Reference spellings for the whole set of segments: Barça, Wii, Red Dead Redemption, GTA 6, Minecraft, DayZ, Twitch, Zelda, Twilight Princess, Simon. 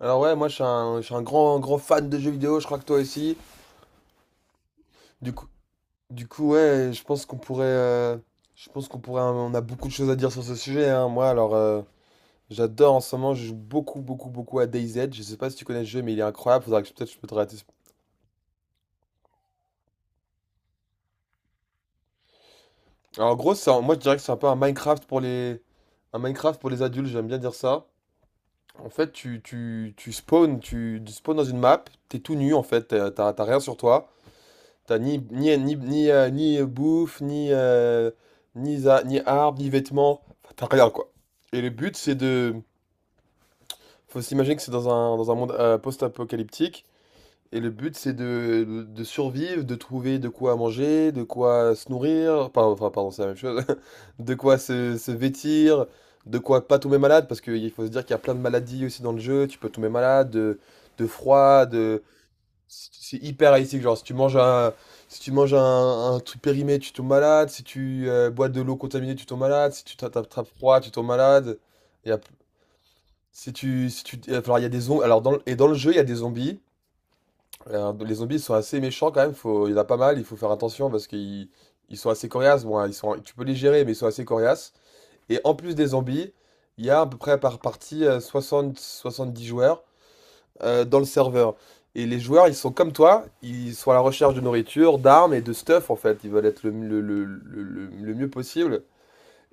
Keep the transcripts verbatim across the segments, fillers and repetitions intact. Alors ouais, moi je suis un, je suis un grand, grand fan de jeux vidéo, je crois que toi aussi. Du coup, du coup ouais, je pense qu'on pourrait, euh, je pense qu'on pourrait, hein, on a beaucoup de choses à dire sur ce sujet, hein. Moi alors, euh, j'adore en ce moment, je joue beaucoup, beaucoup, beaucoup à DayZ. Je sais pas si tu connais ce jeu, mais il est incroyable. Faudra que je- peut-être je peux te rater. Alors en gros, c'est un- moi je dirais que c'est un peu un Minecraft pour les, un Minecraft pour les adultes. J'aime bien dire ça. En fait, tu, tu, tu spawns, tu, tu spawns dans une map, t'es tout nu en fait, t'as t'as- t'as rien sur toi. T'as ni, ni, ni, ni, euh, ni, euh, bouffe, ni, euh, ni, za- ni arbre, ni vêtements. Enfin, t'as rien, quoi. Et le but, c'est de. Faut s'imaginer que c'est dans un, dans un monde euh, post-apocalyptique. Et le but, c'est de, de survivre, de trouver de quoi manger, de quoi se nourrir. Enfin, enfin, pardon, c'est la même chose. De quoi se, se vêtir, de quoi pas tomber malade. Parce qu'il faut se dire qu'il y a plein de maladies aussi dans le jeu. Tu peux tomber malade de, de froid, c'est c'est hyper haïtique, genre si tu manges un, si tu manges un, un truc périmé, tu tombes malade, si tu euh, bois de l'eau contaminée, tu tombes malade, si tu t'a- t'attrapes froid, tu tombes malade. Il y a- si tu, si tu, euh, alors il y a des zombies. Alors dans, le- et dans le jeu, il y a des zombies. Euh, les zombies sont assez méchants quand même. Faut, il y en a pas mal. Il faut faire attention parce qu'ils, ils sont assez coriaces. Bon, hein, ils sont, tu peux les gérer, mais ils sont assez coriaces. Et en plus des zombies, il y a à peu près par partie euh, soixante dix joueurs euh, dans le serveur. Et les joueurs, ils sont comme toi, ils sont à la recherche de nourriture, d'armes et de stuff en fait. Ils veulent être le, le- le- le- le- le mieux possible.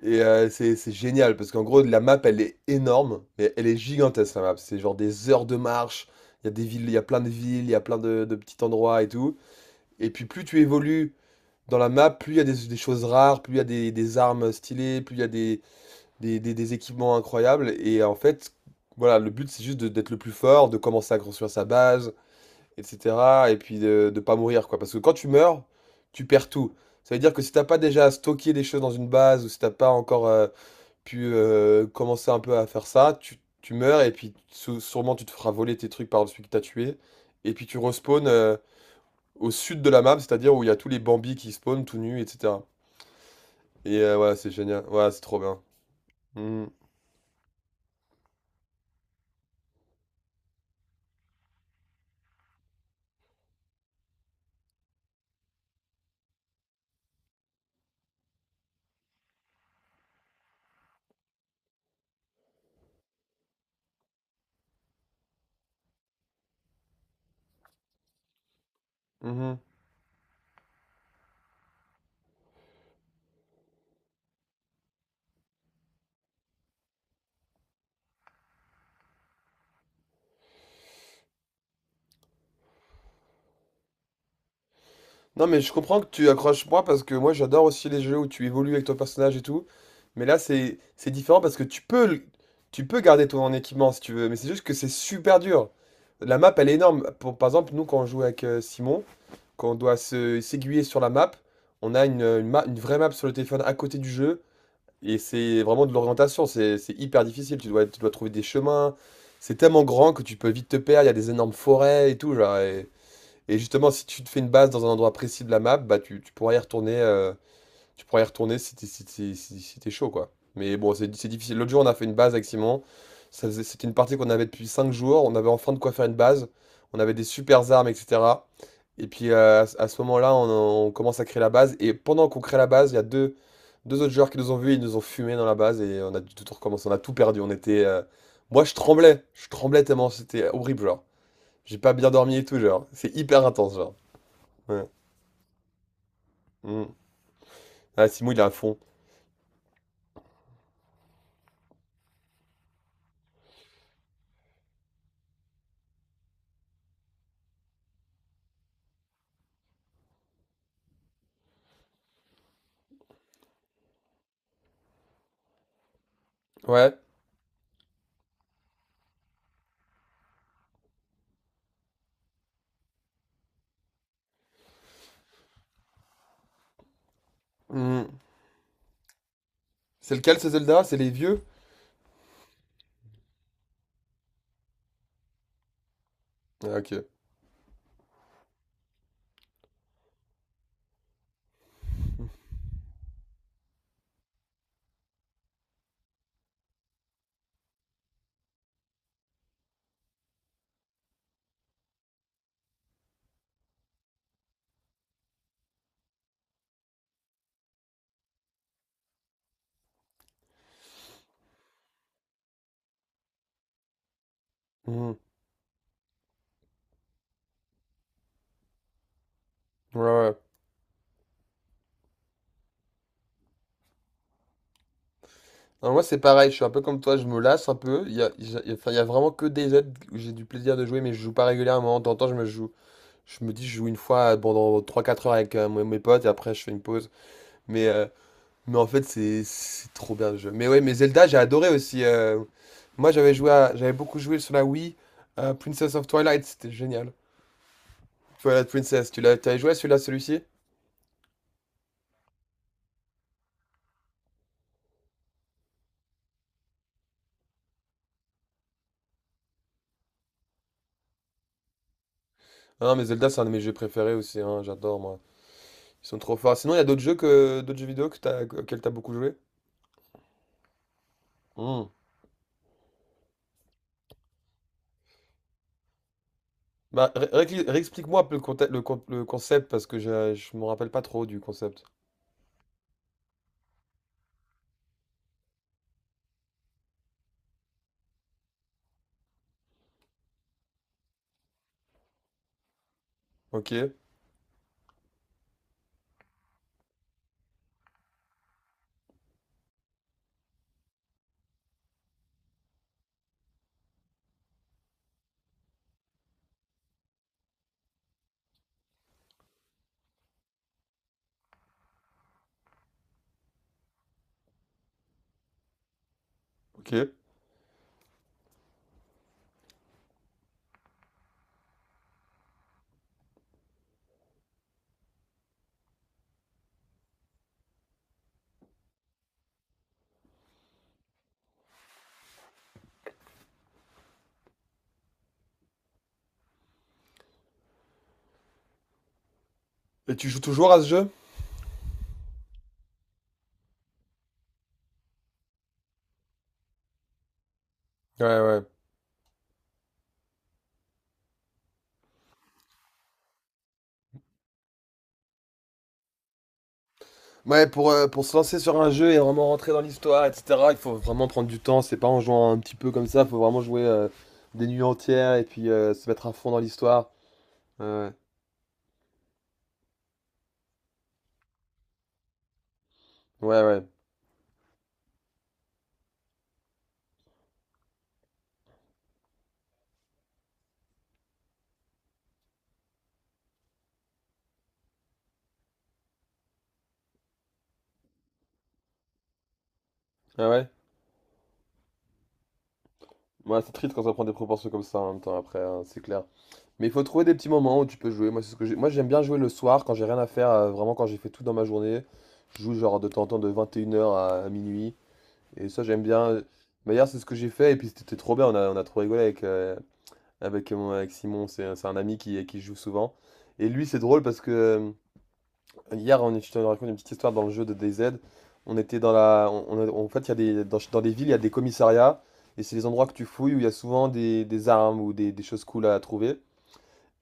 Et euh, c'est c'est génial parce qu'en gros, la map, elle est énorme, mais elle est gigantesque la map. C'est genre des heures de marche. Il y a des villes, il y a plein de villes, il y a plein de, de petits endroits et tout. Et puis plus tu évolues dans la map, plus il y a des, des choses rares, plus il y a des, des armes stylées, plus il y a des, des, des- des équipements incroyables. Et en fait, voilà, le but, c'est juste de- d'être le plus fort, de commencer à construire sa base et cetera et puis de de pas mourir, quoi. Parce que quand tu meurs, tu perds tout. Ça veut dire que si t'as pas déjà stocké des choses dans une base ou si t'as pas encore, heu, pu, heu, commencer un peu à faire ça, tu tu meurs et puis sou sûrement tu te feras voler tes trucs par celui que tu as tué et puis tu respawns, heu, au sud de la map, c'est-à-dire où il y a tous les Bambis qui spawnent tout nus et cetera et heu, voilà, c'est génial. Voilà c'est trop bien. Mmh mh. Mmh. Non, mais je comprends que tu accroches moi parce que moi j'adore aussi les jeux où tu évolues avec ton personnage et tout. Mais là c'est c'est différent parce que tu peux le- tu peux garder ton équipement si tu veux, mais c'est juste que c'est super dur. La map elle est énorme. Pour, par exemple, nous quand on joue avec euh, Simon, quand on doit se s'aiguiller sur la map, on a une, une, ma- une vraie map sur le téléphone à côté du jeu et c'est vraiment de l'orientation. C'est c'est hyper difficile. Tu dois tu dois trouver des chemins. C'est tellement grand que tu peux vite te perdre. Il y a des énormes forêts et tout genre. Et- et justement, si tu te fais une base dans un endroit précis de la map, bah tu, tu pourras y retourner, euh, tu pourras y retourner si t'es si t'es- si- si t'es chaud, quoi. Mais bon, c'est c'est difficile. L'autre jour, on a fait une base avec Simon. Ça faisait- C'était une partie qu'on avait depuis cinq jours. On avait enfin de quoi faire une base. On avait des supers armes, et cetera. Et puis euh, à, ce à ce moment-là, on, on commence à créer la base. Et pendant qu'on crée la base, il y a deux, deux autres joueurs qui nous ont vus. Ils nous ont fumé dans la base et on a dû tout recommencer. On a tout perdu. On était. Euh, Moi, je tremblais. Je tremblais tellement. C'était horrible, genre. J'ai pas bien dormi et tout, genre. C'est hyper intense, genre. Ouais. Mm. Ah, Simon, il est à fond. Ouais. Mm. C'est lequel, ce Zelda? C'est les vieux? Ah, ok. Mm. Ouais, ouais. Non, moi, c'est pareil. Je suis un peu comme toi. Je me lasse un peu. Il y a, il y a- enfin, il y a vraiment que des aides où j'ai du plaisir de jouer, mais je joue pas régulièrement. De temps en temps, je me joue. Je me dis, je joue une fois pendant trois quatre heures avec euh, mes mes potes et après, je fais une pause. Mais, euh, mais en fait, c'est c'est trop bien le jeu. Mais ouais, mais Zelda, j'ai adoré aussi. euh. Moi, j'avais joué à- j'avais beaucoup joué sur la Wii. À Princess of Twilight, c'était génial. Twilight Princess, tu l'as, t'avais joué à celui-là, celui-ci? Ah, non, mais Zelda, c'est un de mes jeux préférés aussi, hein, j'adore moi. Ils sont trop forts. Sinon, il y a d'autres jeux que d'autres jeux vidéo que t'as, que- auxquels t'as beaucoup joué? Hmm. Bah, ré- ré- réexplique-moi un peu le, conte- le, con- le concept parce que je, je me rappelle pas trop du concept. Ok, ok. Et tu joues toujours à ce jeu? Ouais, ouais. Ouais, pour, euh, pour se lancer sur un jeu et vraiment rentrer dans l'histoire, et cetera, il faut vraiment prendre du temps. C'est pas en jouant un petit peu comme ça, il faut vraiment jouer euh, des nuits entières et puis euh, se mettre à fond dans l'histoire. Ouais, ouais. Ouais, ouais. Ah ouais? Ouais, c'est triste quand ça prend des proportions comme ça en même temps après, hein, c'est clair. Mais il faut trouver des petits moments où tu peux jouer. Moi, c'est ce que j'ai- Moi, j'aime bien jouer le soir quand j'ai rien à faire, euh, vraiment quand j'ai fait tout dans ma journée. Je joue genre de temps en temps de vingt et une heures à, à minuit. Et ça, j'aime bien. Bah, hier, c'est ce que j'ai fait et puis c'était trop bien. On a, on a trop rigolé avec, euh, avec, mon- avec Simon. C'est c'est un ami qui, qui joue souvent. Et lui, c'est drôle parce que euh, hier, on, est- je te raconte une petite histoire dans le jeu de DayZ. On était dans la. On- on a- En fait, il y a des, dans, dans les villes, il y a des commissariats. Et c'est les endroits que tu fouilles où il y a souvent des, des armes ou des, des choses cool à trouver.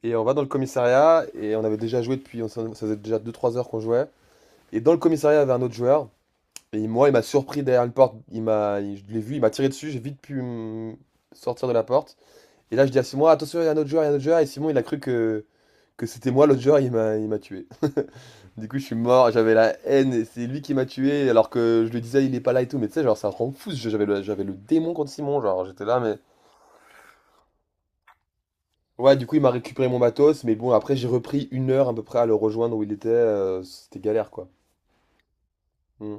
Et on va dans le commissariat et on avait déjà joué depuis. On s'en- ça faisait déjà deux, trois heures qu'on jouait. Et dans le commissariat, il y avait un autre joueur. Et moi, il m'a surpris derrière une porte. Il m'a, il- je l'ai vu, il m'a tiré dessus. J'ai vite pu hum, sortir de la porte. Et là, je dis à Simon, attention, il y a un autre joueur, il y a un autre joueur. Et Simon, il a cru que que c'était moi l'autre joueur, il m'a il m'a tué. Du coup, je suis mort, j'avais la haine, et c'est lui qui m'a tué alors que je lui disais il est pas là et tout, mais tu sais, genre ça rend fou, ce jeu, j'avais le, j'avais le démon contre Simon, genre j'étais là, mais. Ouais, du coup, il m'a récupéré mon matos, mais bon, après, j'ai repris une heure à peu près à le rejoindre où il était, euh, c'était galère quoi. Hmm.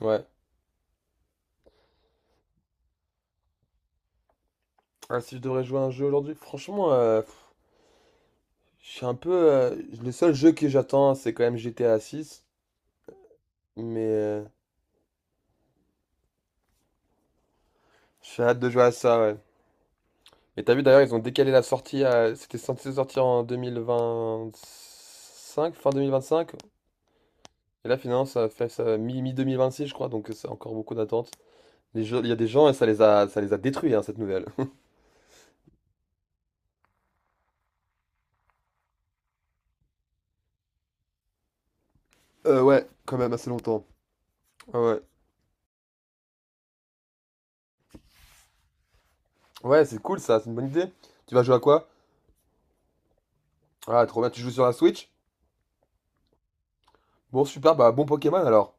Ouais. Ah, si je devrais jouer à un jeu aujourd'hui, franchement, euh, pff, je suis un peu. Euh, le seul jeu que j'attends, c'est quand même G T A six, mais euh, j'ai hâte de jouer à ça, ouais. Et t'as vu d'ailleurs, ils ont décalé la sortie à... C'était censé sortir en deux mille vingt cinq, fin deux mille vingt cinq. Et là, finalement, ça fait ça, mi- deux mille vingt six je crois. Donc, euh, c'est encore beaucoup d'attente. Les gens- Il y a des gens et ça les a, ça les a détruits, hein, cette nouvelle. Euh, ouais, quand même assez longtemps. Ah ouais. Ouais, c'est cool ça, c'est une bonne idée. Tu vas jouer à quoi? Ah, trop bien, tu joues sur la Switch? Bon, super, bah bon Pokémon alors.